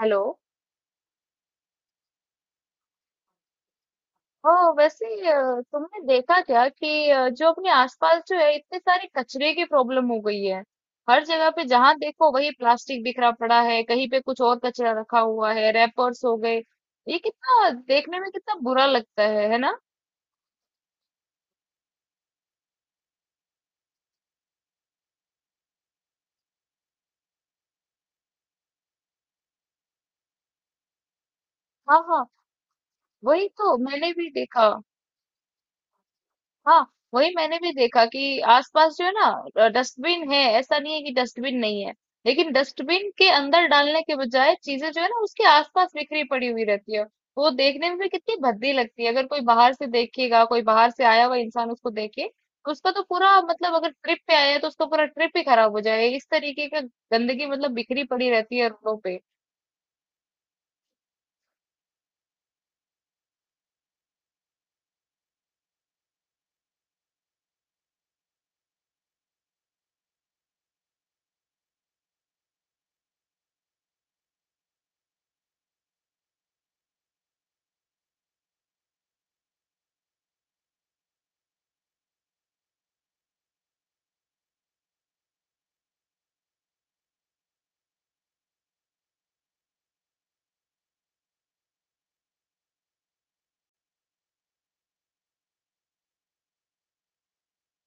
Hello. Oh वैसे तुमने देखा क्या कि जो अपने आसपास जो है इतने सारे कचरे की प्रॉब्लम हो गई है। हर जगह पे जहां देखो वही प्लास्टिक बिखरा पड़ा है, कहीं पे कुछ और कचरा रखा हुआ है, रैपर्स हो गए। ये कितना देखने में कितना बुरा लगता है ना। हाँ हाँ, वही तो मैंने भी देखा। हाँ, वही मैंने भी देखा कि आसपास जो है ना डस्टबिन है, ऐसा नहीं है कि डस्टबिन नहीं है। लेकिन डस्टबिन के अंदर डालने के बजाय चीजें जो है ना उसके आसपास बिखरी पड़ी हुई रहती है। वो देखने में भी कितनी भद्दी लगती है, अगर कोई बाहर से देखेगा, कोई बाहर से आया हुआ इंसान उसको देखे तो उसका तो पूरा मतलब अगर ट्रिप पे आया है तो उसका पूरा ट्रिप ही खराब हो जाएगा। इस तरीके का गंदगी मतलब बिखरी पड़ी रहती है रोडों पे।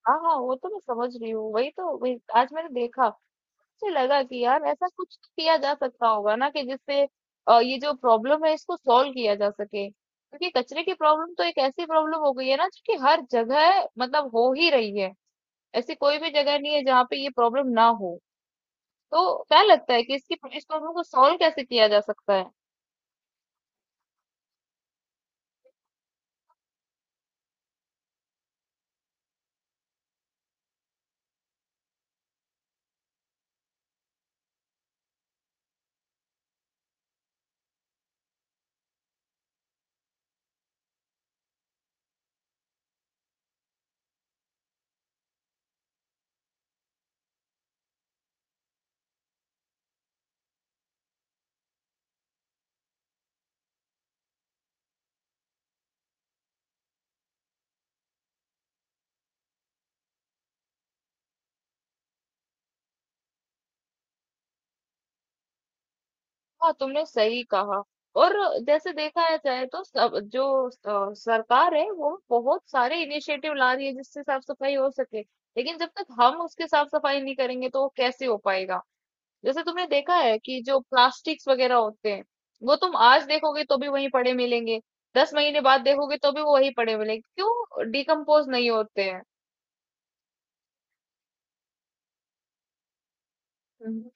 हाँ हाँ, वो तो मैं समझ रही हूँ, वही तो, वही आज मैंने देखा। मुझे लगा कि यार ऐसा कुछ किया जा सकता होगा ना कि जिससे ये जो प्रॉब्लम है इसको सॉल्व किया जा सके, क्योंकि कचरे की प्रॉब्लम तो एक ऐसी प्रॉब्लम हो गई है ना जो कि हर जगह मतलब हो ही रही है। ऐसी कोई भी जगह नहीं है जहाँ पे ये प्रॉब्लम ना हो। तो क्या लगता है कि इसकी इस प्रॉब्लम को सॉल्व कैसे किया जा सकता है? हाँ, तुमने सही कहा। और जैसे देखा है जाए तो सब जो सरकार है वो बहुत सारे इनिशिएटिव ला रही है जिससे साफ सफाई हो सके, लेकिन जब तक हम उसके साफ सफाई नहीं करेंगे तो वो कैसे हो पाएगा। जैसे तुमने देखा है कि जो प्लास्टिक्स वगैरह होते हैं, वो तुम आज देखोगे तो भी वहीं पड़े मिलेंगे, 10 महीने बाद देखोगे तो भी वो वहीं पड़े मिलेंगे, क्यों? डिकम्पोज नहीं होते हैं।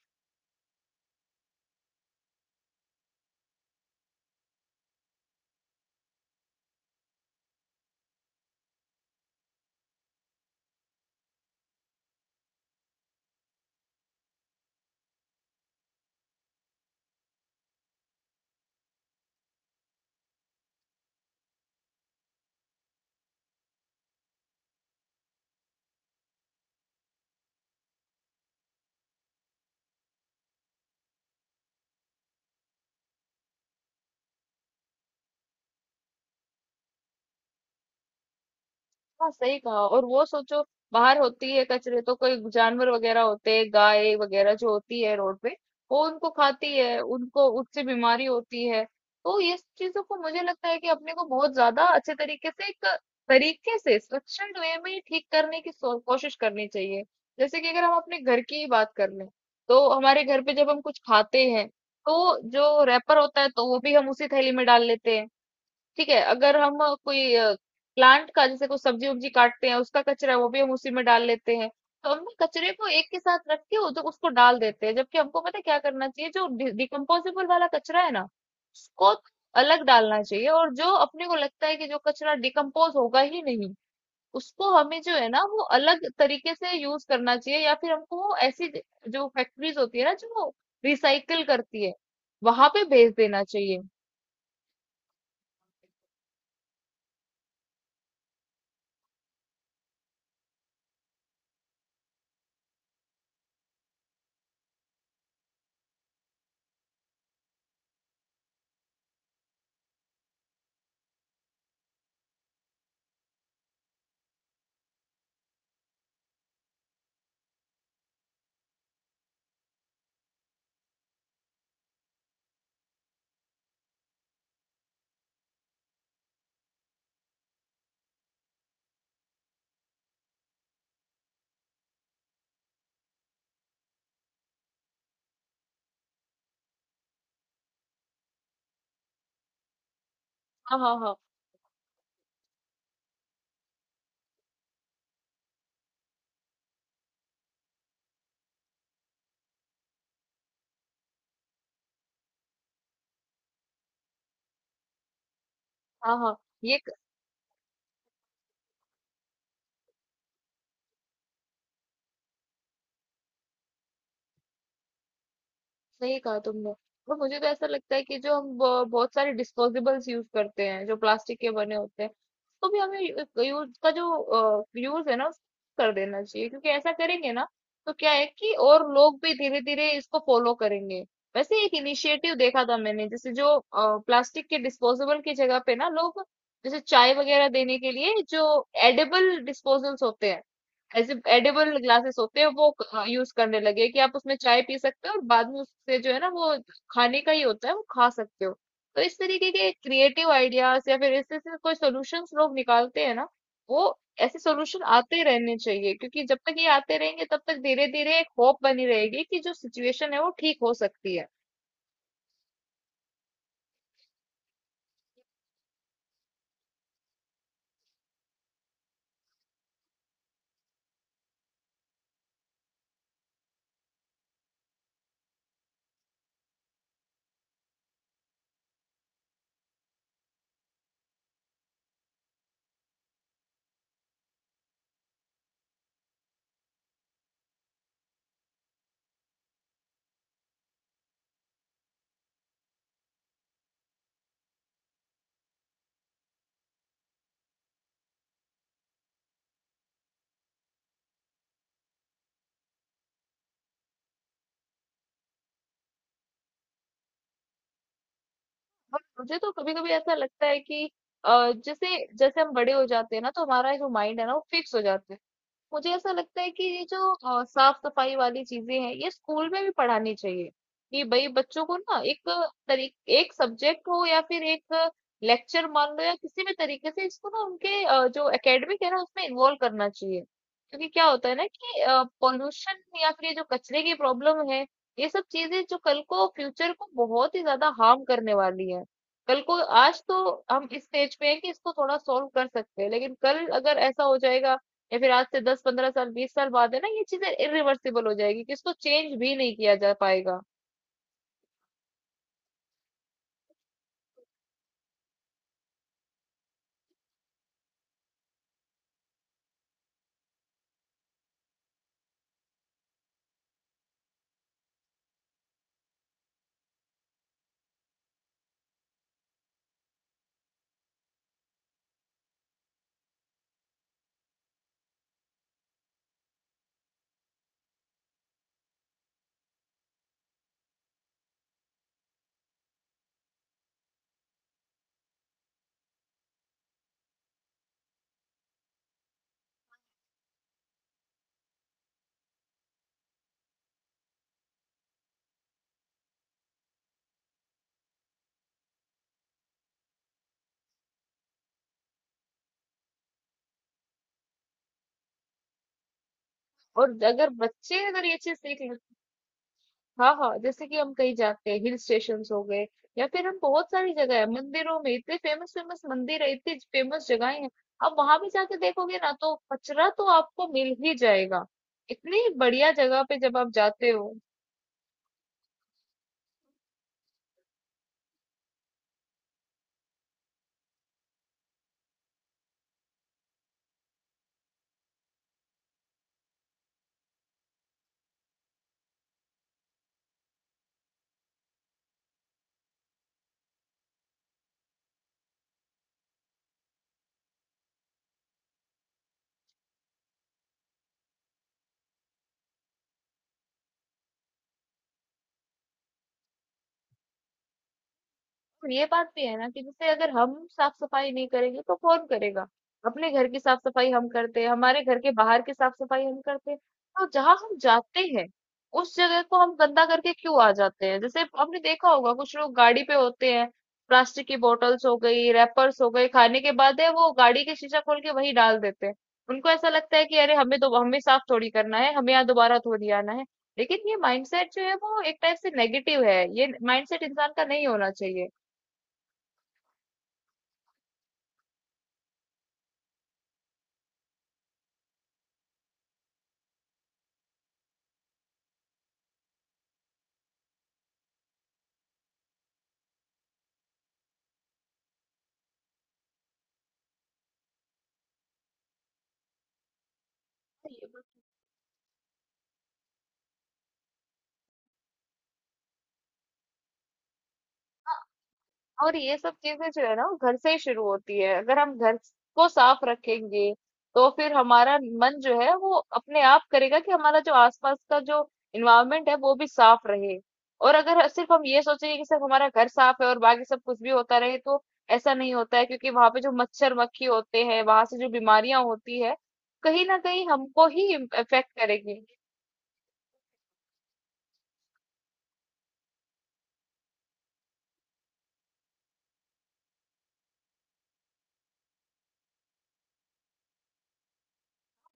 हाँ, सही कहा। और वो सोचो, बाहर होती है कचरे तो कोई जानवर वगैरह होते हैं, गाय वगैरह जो होती है रोड पे, वो उनको खाती है, उनको उससे बीमारी होती है। तो ये सब चीजों को मुझे लगता है कि अपने को बहुत ज्यादा अच्छे तरीके से एक तरीके से स्ट्रक्चर्ड वे में ठीक करने की कोशिश करनी चाहिए। जैसे कि अगर हम अपने घर की ही बात कर लें, तो हमारे घर पे जब हम कुछ खाते हैं तो जो रैपर होता है तो वो भी हम उसी थैली में डाल लेते हैं। ठीक है, अगर हम कोई प्लांट का जैसे कोई सब्जी उब्जी काटते हैं उसका कचरा है वो भी हम उसी में डाल लेते हैं। तो हम ना कचरे को एक के साथ रख के उधर उसको डाल देते हैं, जबकि हमको पता है क्या करना चाहिए। जो डिकम्पोजेबल वाला कचरा है ना उसको अलग डालना चाहिए, और जो अपने को लगता है कि जो कचरा डिकम्पोज होगा ही नहीं, उसको हमें जो है ना वो अलग तरीके से यूज करना चाहिए, या फिर हमको वो ऐसी जो फैक्ट्रीज होती है ना जो रिसाइकल करती है वहां पे भेज देना चाहिए। हाँ हाँ हाँ, हाँ हाँ, ये सही कहा तुमने। और मुझे तो ऐसा लगता है कि जो हम बहुत सारे डिस्पोजेबल्स यूज करते हैं जो प्लास्टिक के बने होते हैं, उसको भी हमें यूज का जो यूज है ना उसको कर देना चाहिए, क्योंकि ऐसा करेंगे ना तो क्या है कि और लोग भी धीरे धीरे इसको फॉलो करेंगे। वैसे एक इनिशिएटिव देखा था मैंने, जैसे जो प्लास्टिक के डिस्पोजेबल की जगह पे ना लोग, जैसे चाय वगैरह देने के लिए जो एडेबल डिस्पोजल्स होते हैं, ऐसे एडिबल ग्लासेस होते हैं, वो यूज करने लगे कि आप उसमें चाय पी सकते हो और बाद में उससे जो है ना वो खाने का ही होता है वो खा सकते हो। तो इस तरीके के क्रिएटिव आइडियाज या फिर इससे से कोई सोल्यूशंस लोग निकालते हैं ना, वो ऐसे सोल्यूशन आते रहने चाहिए, क्योंकि जब तक ये आते रहेंगे तब तक धीरे धीरे एक होप बनी रहेगी कि जो सिचुएशन है वो ठीक हो सकती है। और मुझे तो कभी कभी ऐसा लगता है कि जैसे जैसे हम बड़े हो जाते हैं ना तो हमारा जो माइंड है ना वो फिक्स हो जाता है। मुझे ऐसा लगता है कि ये जो साफ-सफाई वाली चीज़ें हैं, ये स्कूल में भी पढ़ानी चाहिए, कि भई बच्चों को ना एक तरी एक सब्जेक्ट हो या फिर एक लेक्चर मान लो, या किसी भी तरीके से इसको ना उनके जो एकेडमिक है ना उसमें इन्वॉल्व करना चाहिए। क्योंकि क्या होता है ना कि पॉल्यूशन या फिर ये जो कचरे की प्रॉब्लम है, ये सब चीज़ें जो कल को फ्यूचर को बहुत ही ज़्यादा हार्म करने वाली है। कल को, आज तो हम इस स्टेज पे हैं कि इसको थोड़ा सॉल्व कर सकते हैं, लेकिन कल अगर ऐसा हो जाएगा, या फिर आज से 10 15 साल 20 साल बाद, है ना, ये चीजें इरिवर्सिबल हो जाएगी कि इसको चेंज भी नहीं किया जा पाएगा। और अगर बच्चे अगर ये चीज सीख ले। हाँ हाँ, जैसे कि हम कहीं जाते हैं, हिल स्टेशन हो गए, या फिर हम, बहुत सारी जगह है, मंदिरों में, इतने फेमस फेमस मंदिर है, इतनी फेमस जगहें हैं, अब वहां भी जाके देखोगे ना तो कचरा तो आपको मिल ही जाएगा, इतनी बढ़िया जगह पे जब आप जाते हो। और ये बात भी है ना कि जैसे अगर हम साफ-सफाई नहीं करेंगे तो कौन करेगा? अपने घर की साफ-सफाई हम करते हैं, हमारे घर के बाहर की साफ-सफाई हम करते हैं। तो जहाँ हम जाते हैं, उस जगह को हम गंदा करके क्यों आ जाते हैं? जैसे आपने देखा होगा कुछ लोग गाड़ी पे होते हैं, प्लास्टिक की बॉटल्स हो गई, रैपर्स हो गए, खाने के बाद है वो गाड़ी के शीशा खोल के वहीं डाल देते हैं। उनको ऐसा लगता है कि अरे हमें दो, हमें साफ थोड़ी करना है, हमें यहाँ दोबारा थोड़ी आना है। लेकिन ये माइंडसेट जो है वो एक टाइप से नेगेटिव है, ये माइंडसेट इंसान का नहीं होना चाहिए। ये बस- और ये सब चीजें जो है ना वो घर से ही शुरू होती है। अगर हम घर को साफ रखेंगे तो फिर हमारा मन जो है वो अपने आप करेगा कि हमारा जो आसपास का जो इन्वायरमेंट है वो भी साफ रहे। और अगर सिर्फ हम ये सोचेंगे कि सिर्फ हमारा घर साफ है और बाकी सब कुछ भी होता रहे तो ऐसा नहीं होता है, क्योंकि वहां पे जो मच्छर मक्खी होते हैं वहां से जो बीमारियां होती है कहीं ना कहीं हमको ही इफेक्ट करेगी।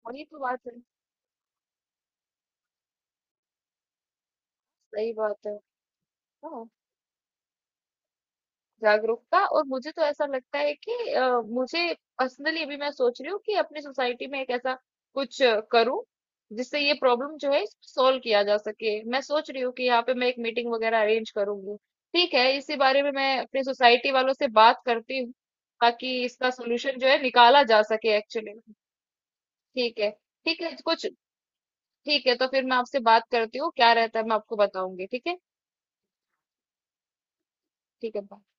वही तो बात है। सही बात है। हाँ, जागरूकता। और मुझे तो ऐसा लगता है कि मुझे पर्सनली अभी मैं सोच रही हूँ कि अपनी सोसाइटी में एक ऐसा कुछ करूं जिससे ये प्रॉब्लम जो है सॉल्व किया जा सके। मैं सोच रही हूँ कि यहाँ पे मैं एक मीटिंग वगैरह अरेंज करूंगी। ठीक है, इसी बारे में मैं अपनी सोसाइटी वालों से बात करती हूँ ताकि इसका सोल्यूशन जो है निकाला जा सके एक्चुअली। ठीक है। ठीक है कुछ। ठीक है, तो फिर मैं आपसे बात करती हूँ, क्या रहता है मैं आपको बताऊंगी, ठीक है। ठीक है bye।